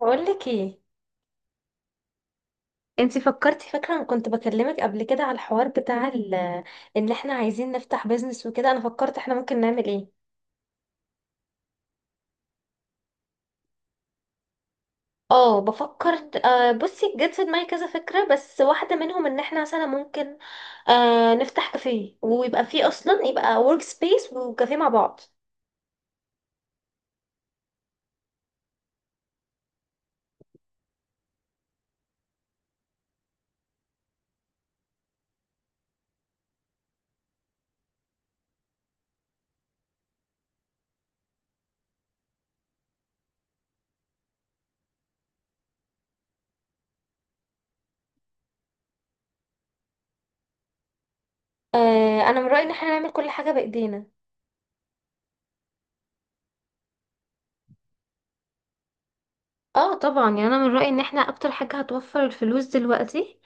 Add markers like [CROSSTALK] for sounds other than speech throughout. بقول لك ايه؟ انتي فكرتي، فاكره انا كنت بكلمك قبل كده على الحوار بتاع ان احنا عايزين نفتح بيزنس وكده. انا فكرت احنا ممكن نعمل ايه. اه، بفكر. بصي، جت في دماغي كذا فكره، بس واحده منهم ان احنا مثلا ممكن نفتح كافيه، ويبقى فيه اصلا، يبقى ورك سبيس وكافيه مع بعض. انا من رايي ان احنا نعمل كل حاجه بايدينا. اه طبعا، يعني انا من رايي ان احنا اكتر حاجه هتوفر الفلوس دلوقتي،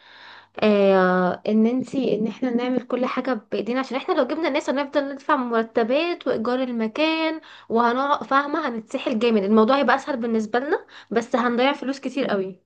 ان احنا نعمل كل حاجة بايدينا، عشان احنا لو جبنا ناس هنفضل ندفع مرتبات وايجار المكان، وهنقعد فاهمة، هنتسحل جامد. الموضوع هيبقى اسهل بالنسبة لنا، بس هنضيع فلوس كتير قوي.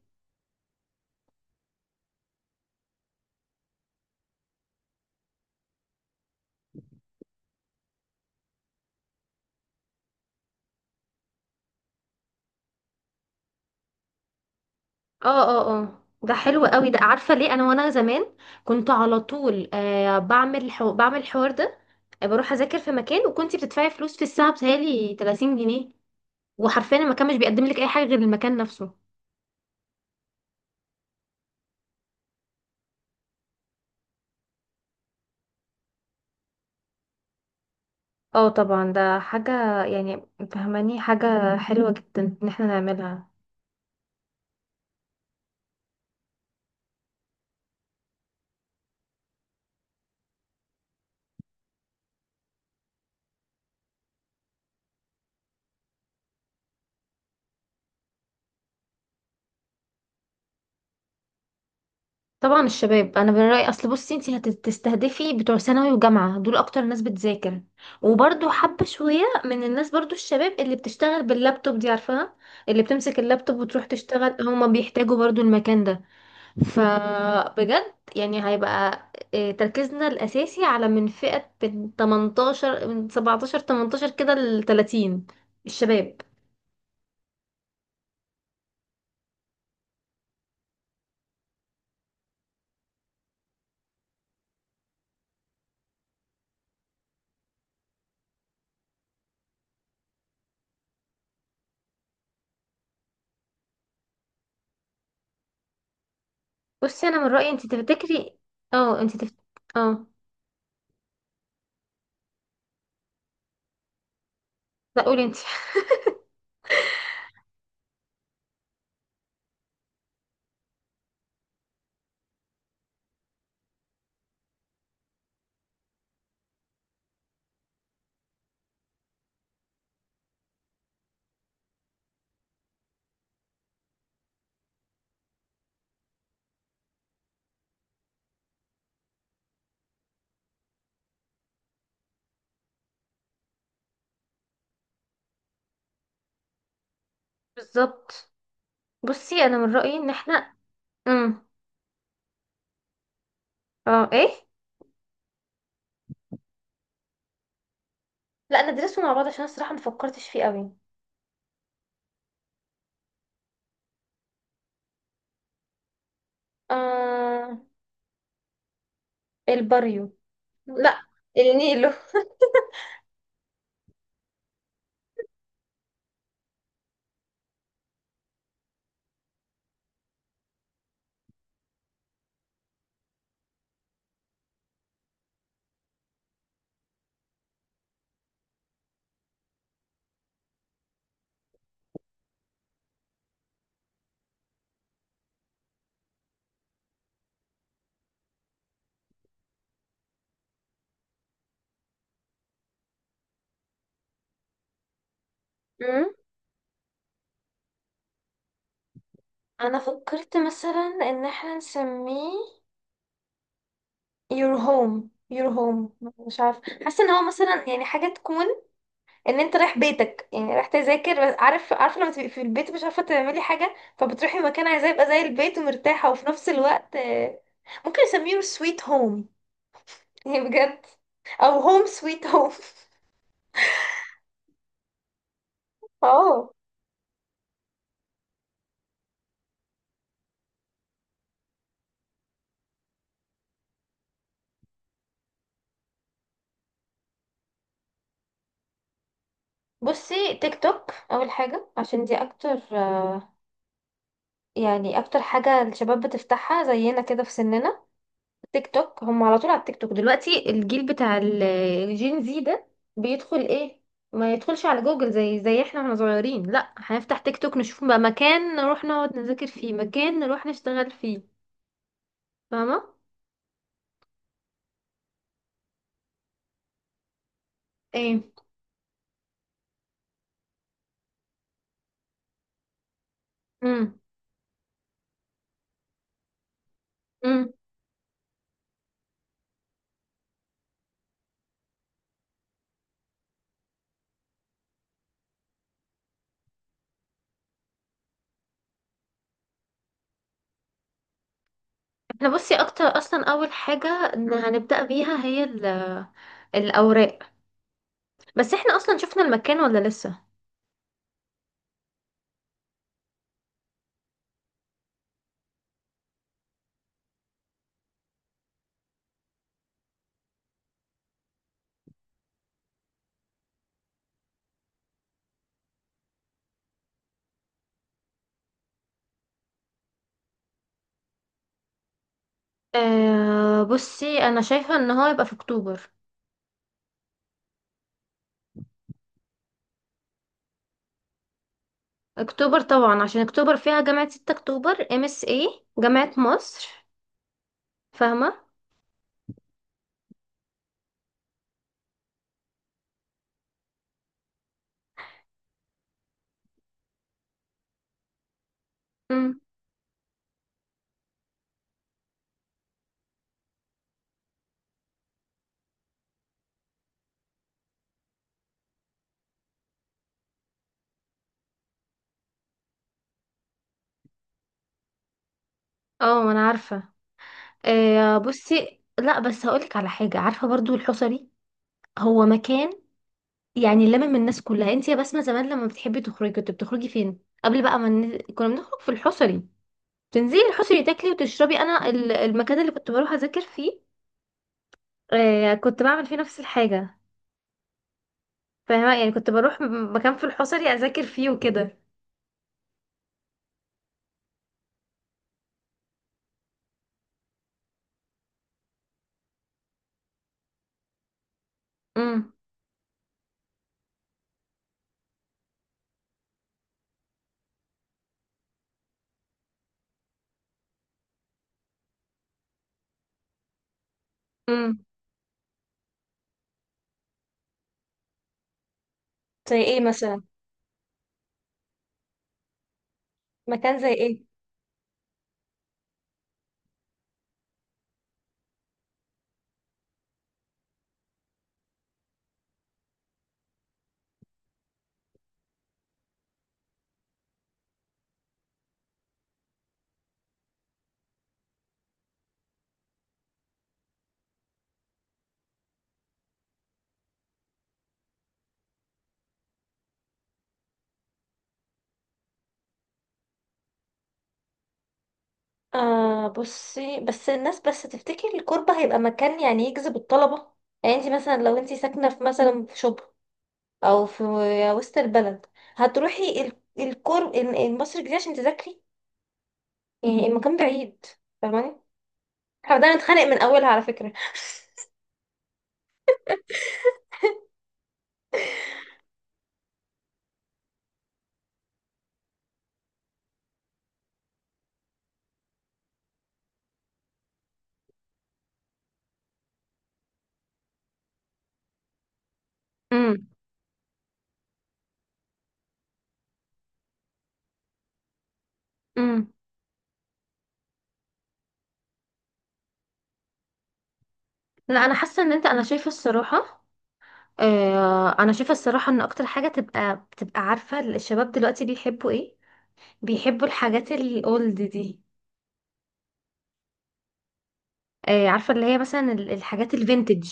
اه، اه، اه، ده حلو قوي ده. عارفة ليه؟ انا وانا زمان كنت على طول بعمل بعمل الحوار ده. بروح اذاكر في مكان، وكنتي بتدفعي فلوس في الساعة، بتهيألي 30 جنيه. وحرفيا المكان مش بيقدم لك اي حاجة غير المكان نفسه. اه طبعا، ده حاجة يعني فهماني حاجة حلوة جدا ان احنا نعملها. طبعا الشباب، انا من رأيي، اصل بصي انتي هتستهدفي بتوع ثانوي وجامعة، دول اكتر ناس بتذاكر. وبرضو حبة شوية من الناس، برضو الشباب اللي بتشتغل باللابتوب دي، عارفاها، اللي بتمسك اللابتوب وتروح تشتغل، هما بيحتاجوا برضو المكان ده. فبجد يعني هيبقى تركيزنا الاساسي على فئة من 18، من 17 18 كده، ل 30، الشباب. بصي انا من رايي انت تفتكري. اه انت تفت... اه لا، قولي انت. [LAUGHS] بالظبط. بصي انا من رايي ان احنا، امم اه ايه، لا، ندرسه مع بعض، عشان أنا الصراحه ما فكرتش فيه قوي. آه... الباريو. لا، النيلو. امم انا فكرت مثلا ان احنا نسميه your home. Your home. مش عارفه، حاسه ان هو مثلا يعني حاجه تكون ان انت رايح بيتك، يعني رايح تذاكر بس. عارفه، لما تبقي في البيت مش عارفه تعملي حاجه، فبتروحي مكان عايزاه يبقى زي البيت ومرتاحه، وفي نفس الوقت ممكن يسميه سويت هوم. [LAUGHS] يعني بجد، او هوم سويت هوم. [LAUGHS] اه بصي، تيك توك اول حاجه، عشان دي اكتر يعني اكتر حاجه الشباب بتفتحها زينا كده في سننا. تيك توك، هم على طول على التيك توك دلوقتي. الجيل بتاع الجين زي ده بيدخل ايه؟ ما يدخلش على جوجل زي احنا واحنا صغيرين. لا، هنفتح تيك توك نشوف بقى مكان نروح نقعد نذاكر فيه، مكان نروح نشتغل فيه، فاهمة؟ ايه. امم. امم. احنا بصي، اكتر اصلا اول حاجة إن هنبدأ بيها هي الاوراق. بس احنا اصلا شفنا المكان ولا لسه؟ آه بصي، انا شايفة ان هو يبقى في اكتوبر. اكتوبر طبعا، عشان اكتوبر فيها جامعة 6 اكتوبر، MSA، جامعة مصر، فاهمة؟ امم. اه، ما انا عارفة. آه بصي، لا بس هقولك على حاجة، عارفة برضو الحصري. هو مكان يعني لمم الناس كلها. انت يا بسمة زمان لما بتحبي تخرجي كنت بتخرجي فين؟ قبل بقى، ما كنا بنخرج في الحصري، تنزلي الحصري تاكلي وتشربي. انا المكان اللي كنت بروح اذاكر فيه، آه، كنت بعمل فيه نفس الحاجة، فاهمة؟ يعني كنت بروح مكان في الحصري اذاكر فيه وكده. امم. امم. زي ايه مثلا؟ مكان زي ايه؟ آه بصي، بس الناس، بس تفتكر الكوربة هيبقى مكان يعني يجذب الطلبة؟ يعني انت مثلا، لو انت ساكنة في مثلا في شبرا، او في وسط البلد، هتروحي مصر الجديدة عشان تذاكري؟ يعني المكان بعيد، فاهماني؟ احنا بدأنا نتخانق من اولها على فكرة. امم. امم. لا، انا حاسه ان انت، انا شايفه الصراحه ان اكتر حاجه، بتبقى عارفه الشباب دلوقتي بيحبوا ايه، بيحبوا الحاجات الاولد دي. عارفة اللي هي مثلا الحاجات الفينتج،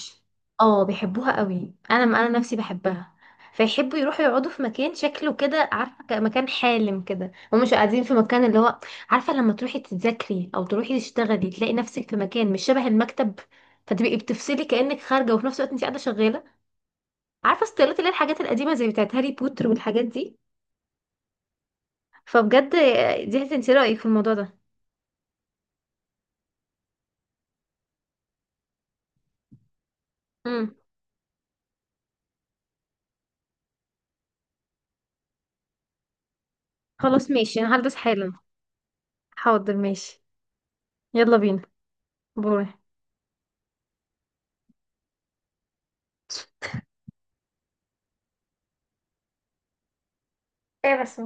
اه بيحبوها قوي. انا نفسي بحبها. فيحبوا يروحوا يقعدوا في مكان شكله كده، عارفة، مكان حالم كده، ومش قاعدين في مكان اللي هو، عارفة، لما تروحي تذاكري او تروحي تشتغلي تلاقي نفسك في مكان مش شبه المكتب، فتبقي بتفصلي كأنك خارجة، وفي نفس الوقت انت قاعدة شغالة. عارفة ستايلات، اللي هي الحاجات القديمة زي بتاعت هاري بوتر والحاجات دي. فبجد دي هتنسي رأيك في الموضوع ده. امم. خلاص ماشي، انا هلبس حالا. حاضر، ماشي. يلا بينا. باي. ايه بس.